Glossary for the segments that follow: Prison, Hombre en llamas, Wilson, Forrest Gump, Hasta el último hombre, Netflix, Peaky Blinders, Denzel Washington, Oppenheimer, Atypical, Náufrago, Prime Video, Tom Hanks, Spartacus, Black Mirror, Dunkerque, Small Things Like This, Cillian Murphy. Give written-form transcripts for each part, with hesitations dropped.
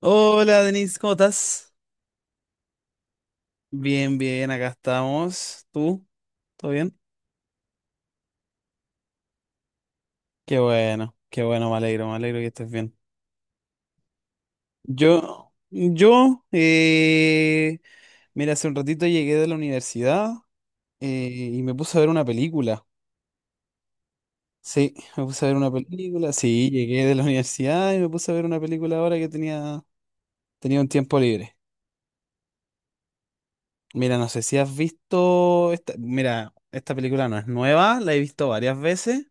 Hola Denise, ¿cómo estás? Bien, bien, acá estamos. ¿Tú? ¿Todo bien? Qué bueno, me alegro que estés bien. Yo, yo, eh, mira, hace un ratito llegué de la universidad y me puse a ver una película. Sí, me puse a ver una película. Sí, llegué de la universidad y me puse a ver una película ahora que tenía un tiempo libre. Mira, no sé si has visto esta, mira, esta película no es nueva, la he visto varias veces.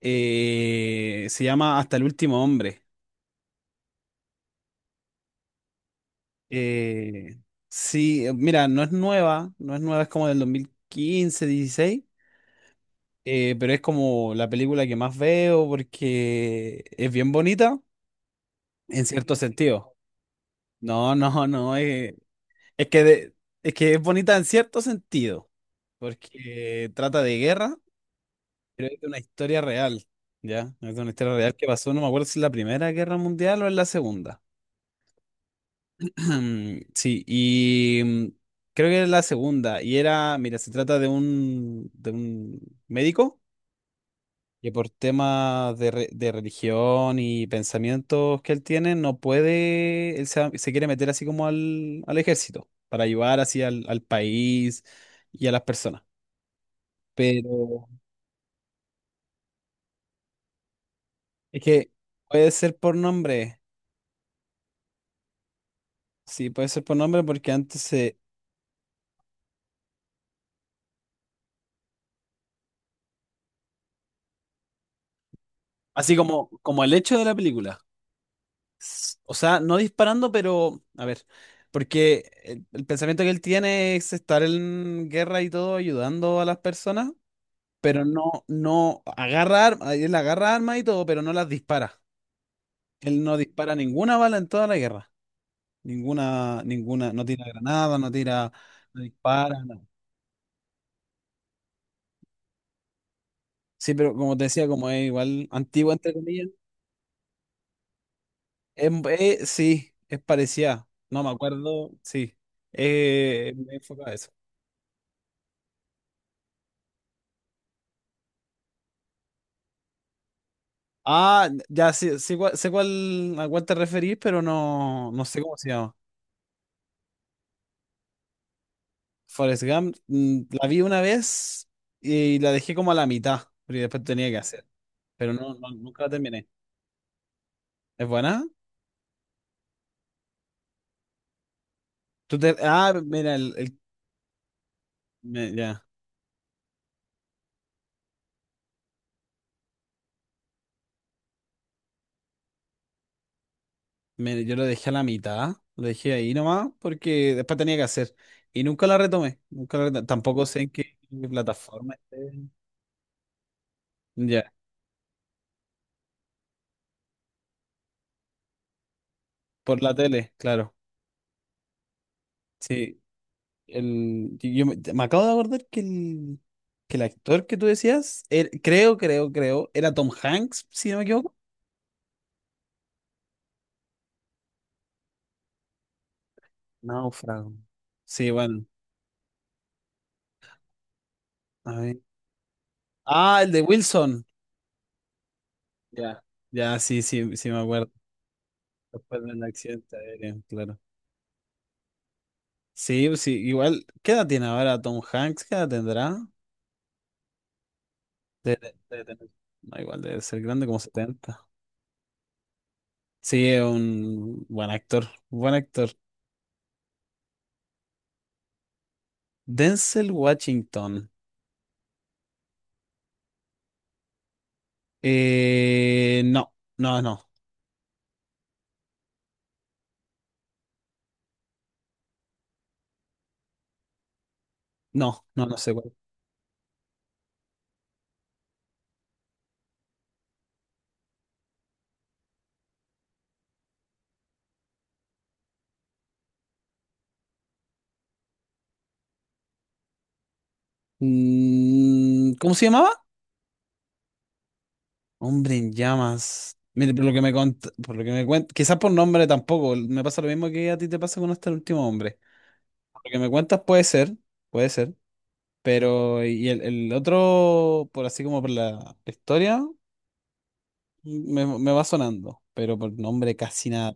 Se llama Hasta el último hombre. Eh, sí, mira, no es nueva, no es nueva, es como del 2015, 16, pero es como la película que más veo porque es bien bonita en cierto sentido. No, no, no, es que, de- es que es bonita en cierto sentido, porque trata de guerra, pero es de una historia real, ¿ya? Es de una historia real que pasó, no me acuerdo si es la Primera Guerra Mundial o es la Segunda. Sí, y creo que es la segunda. Y era, mira, se trata de de un médico que por temas de religión y pensamientos que él tiene, no puede, se quiere meter así como al ejército para ayudar así al país y a las personas. Pero es que puede ser por nombre, sí, puede ser por nombre porque antes se... Así como, como el hecho de la película. O sea, no disparando, pero a ver, porque el pensamiento que él tiene es estar en guerra y todo ayudando a las personas, pero no, no agarra armas, él agarra armas y todo, pero no las dispara. Él no dispara ninguna bala en toda la guerra. Ninguna, ninguna, no tira granada, no tira, no dispara, no. Sí, pero como te decía, como es igual antigua, entre comillas, es, sí, es parecida. No me acuerdo, sí, me enfoca a eso. Ah, ya sé, sé cuál, a cuál te referís, pero no, no sé cómo se llama. Forrest Gump, la vi una vez y la dejé como a la mitad, porque después tenía que hacer, pero no, nunca la terminé. ¿Es buena? Ah, mira, ya, yo lo dejé a la mitad, lo dejé ahí nomás, porque después tenía que hacer y nunca la retomé, nunca la retomé. Tampoco sé en qué plataforma esté. Ya, por la tele, claro. Sí. Yo me acabo de acordar que que el actor que tú decías, creo, creo, creo, era Tom Hanks, si no me equivoco. Náufrago. Sí, bueno. A ver. Ah, el de Wilson. Ya, ya, sí, sí, sí me acuerdo. Después del accidente aéreo, claro. Sí, pues sí, igual, ¿qué edad tiene ahora Tom Hanks? ¿Qué edad tendrá? Debe- debe tener- no, igual debe ser grande, como setenta. Sí, es un buen actor, buen actor. Denzel Washington. No, no, no, no, no, no sé cuál. ¿Cómo se llamaba? Hombre en llamas. Mire, por lo que me cuentas, quizás por nombre tampoco, me pasa lo mismo que a ti te pasa con hasta el último hombre. Por lo que me cuentas puede ser, pero y el otro, por así como por la historia, me va sonando, pero por nombre casi nada.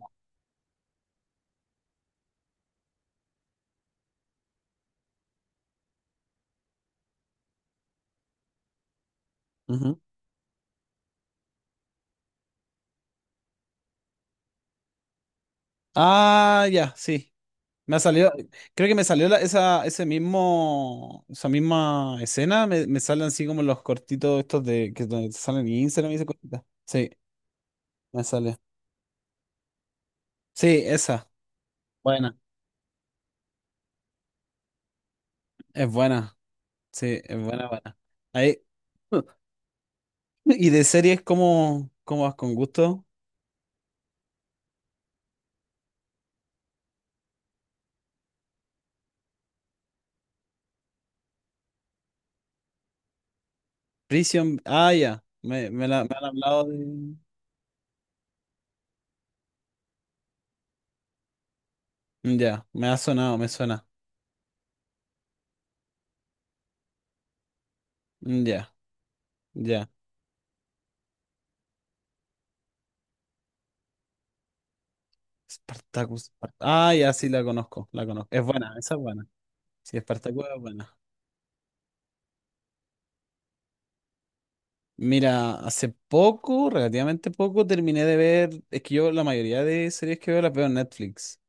Ujú. Ah, ya, sí. Me ha salido, creo que esa, ese mismo, esa misma escena, me salen así como los cortitos estos de que donde te salen en Instagram y esas cositas. Sí, me sale. Sí, esa. Buena. Es buena. Sí, es buena, buena. Ahí. Y de series cómo ¿cómo vas con gusto? Prison. Ah, ya. Me han hablado de. Ya, me ha sonado, me suena. Ya, ya. Spartacus. Ah, ya, sí la conozco, la conozco. Es buena, esa es buena. Sí, Spartacus es buena. Mira, hace poco, relativamente poco, terminé de ver, es que yo la mayoría de series que veo las veo en Netflix.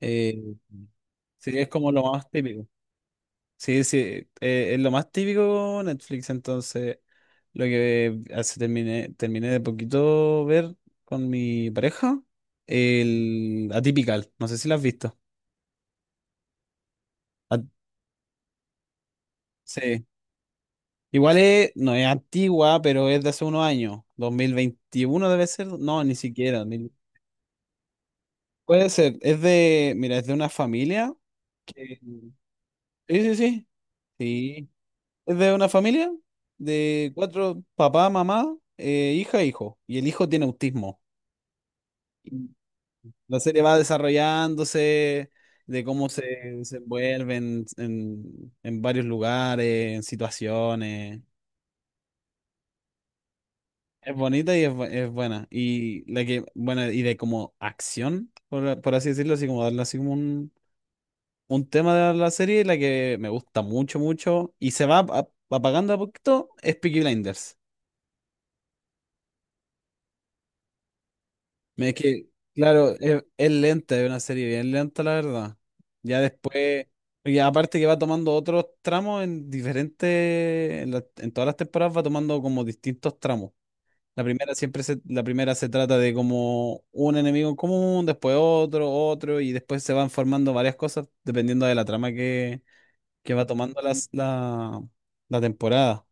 Eh, Series como lo más típico. Sí, sí, es lo más típico Netflix, entonces lo que hace, terminé, terminé de poquito ver con mi pareja, el Atypical, no sé si la has visto. At- sí, igual es, no es antigua, pero es de hace unos años, 2021 debe ser, no, ni siquiera. Puede ser, es de, mira, es de una familia que... Sí, sí, sí. Sí. Es de una familia de cuatro, papá, mamá, hija e hijo. Y el hijo tiene autismo. Y la serie va desarrollándose de cómo se desenvuelven en varios lugares, en situaciones. Es bonita y es buena. Y la que, bueno, y de como acción, por así decirlo, así como darle así como un tema de la serie, la que me gusta mucho, mucho, y se va apagando a poquito, es Peaky Blinders. Es que, claro, es lenta, es una serie bien lenta, la verdad. Ya después, y aparte que va tomando otros tramos en diferentes, en todas las temporadas va tomando como distintos tramos. La primera siempre se, la primera se trata de como un enemigo en común, después otro, otro, y después se van formando varias cosas dependiendo de la trama que va tomando la temporada.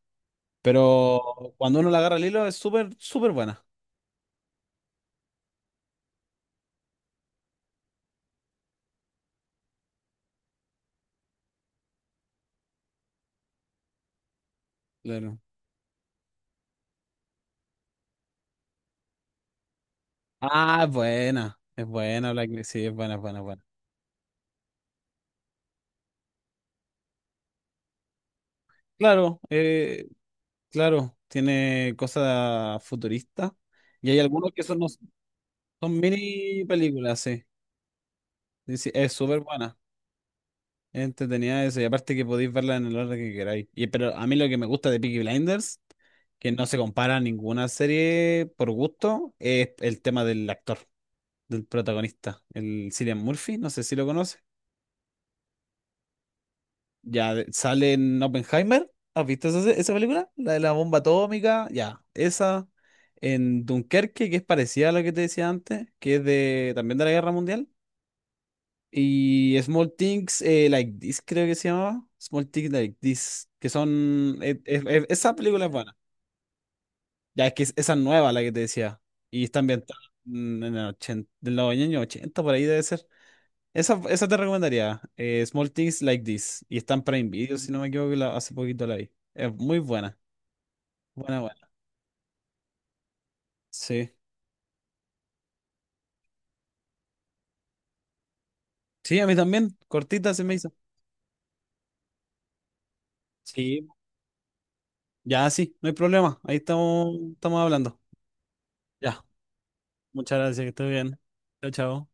Pero cuando uno la agarra al hilo es súper, súper buena. Claro. Ah, es buena. Es buena, Black Mirror. Sí, es buena, es buena, es buena. Claro, eh, claro, tiene cosas futuristas. Y hay algunos que son, son mini películas, sí. Sí, sí, es súper buena. Es entretenida eso. Y aparte que podéis verla en el orden que queráis. Y, pero a mí lo que me gusta de Peaky Blinders, que no se compara a ninguna serie por gusto, es el tema del actor. Del protagonista, el Cillian Murphy, no sé si lo conoce. Sale en Oppenheimer. ¿Has visto esa, esa película? La de la bomba atómica, ya. Esa en Dunkerque, que es parecida a lo que te decía antes, que es de también de la Guerra Mundial. Y Small Things Like This, creo que se llamaba. Small Things Like This, que son... e- e- e- esa película es buena. Ya es que esa es nueva, la que te decía. Y está ambientada en en el 80, del año ochenta por ahí debe ser. Esa te recomendaría. Small Things Like This. Y está en Prime Video, si no me equivoco, hace poquito la vi. Es muy buena. Buena, buena. Sí. Sí, a mí también. Cortita se me hizo. Sí. Ya, sí, no hay problema. Ahí estamos, estamos hablando. Ya. Muchas gracias, que estés bien. Chao, chao.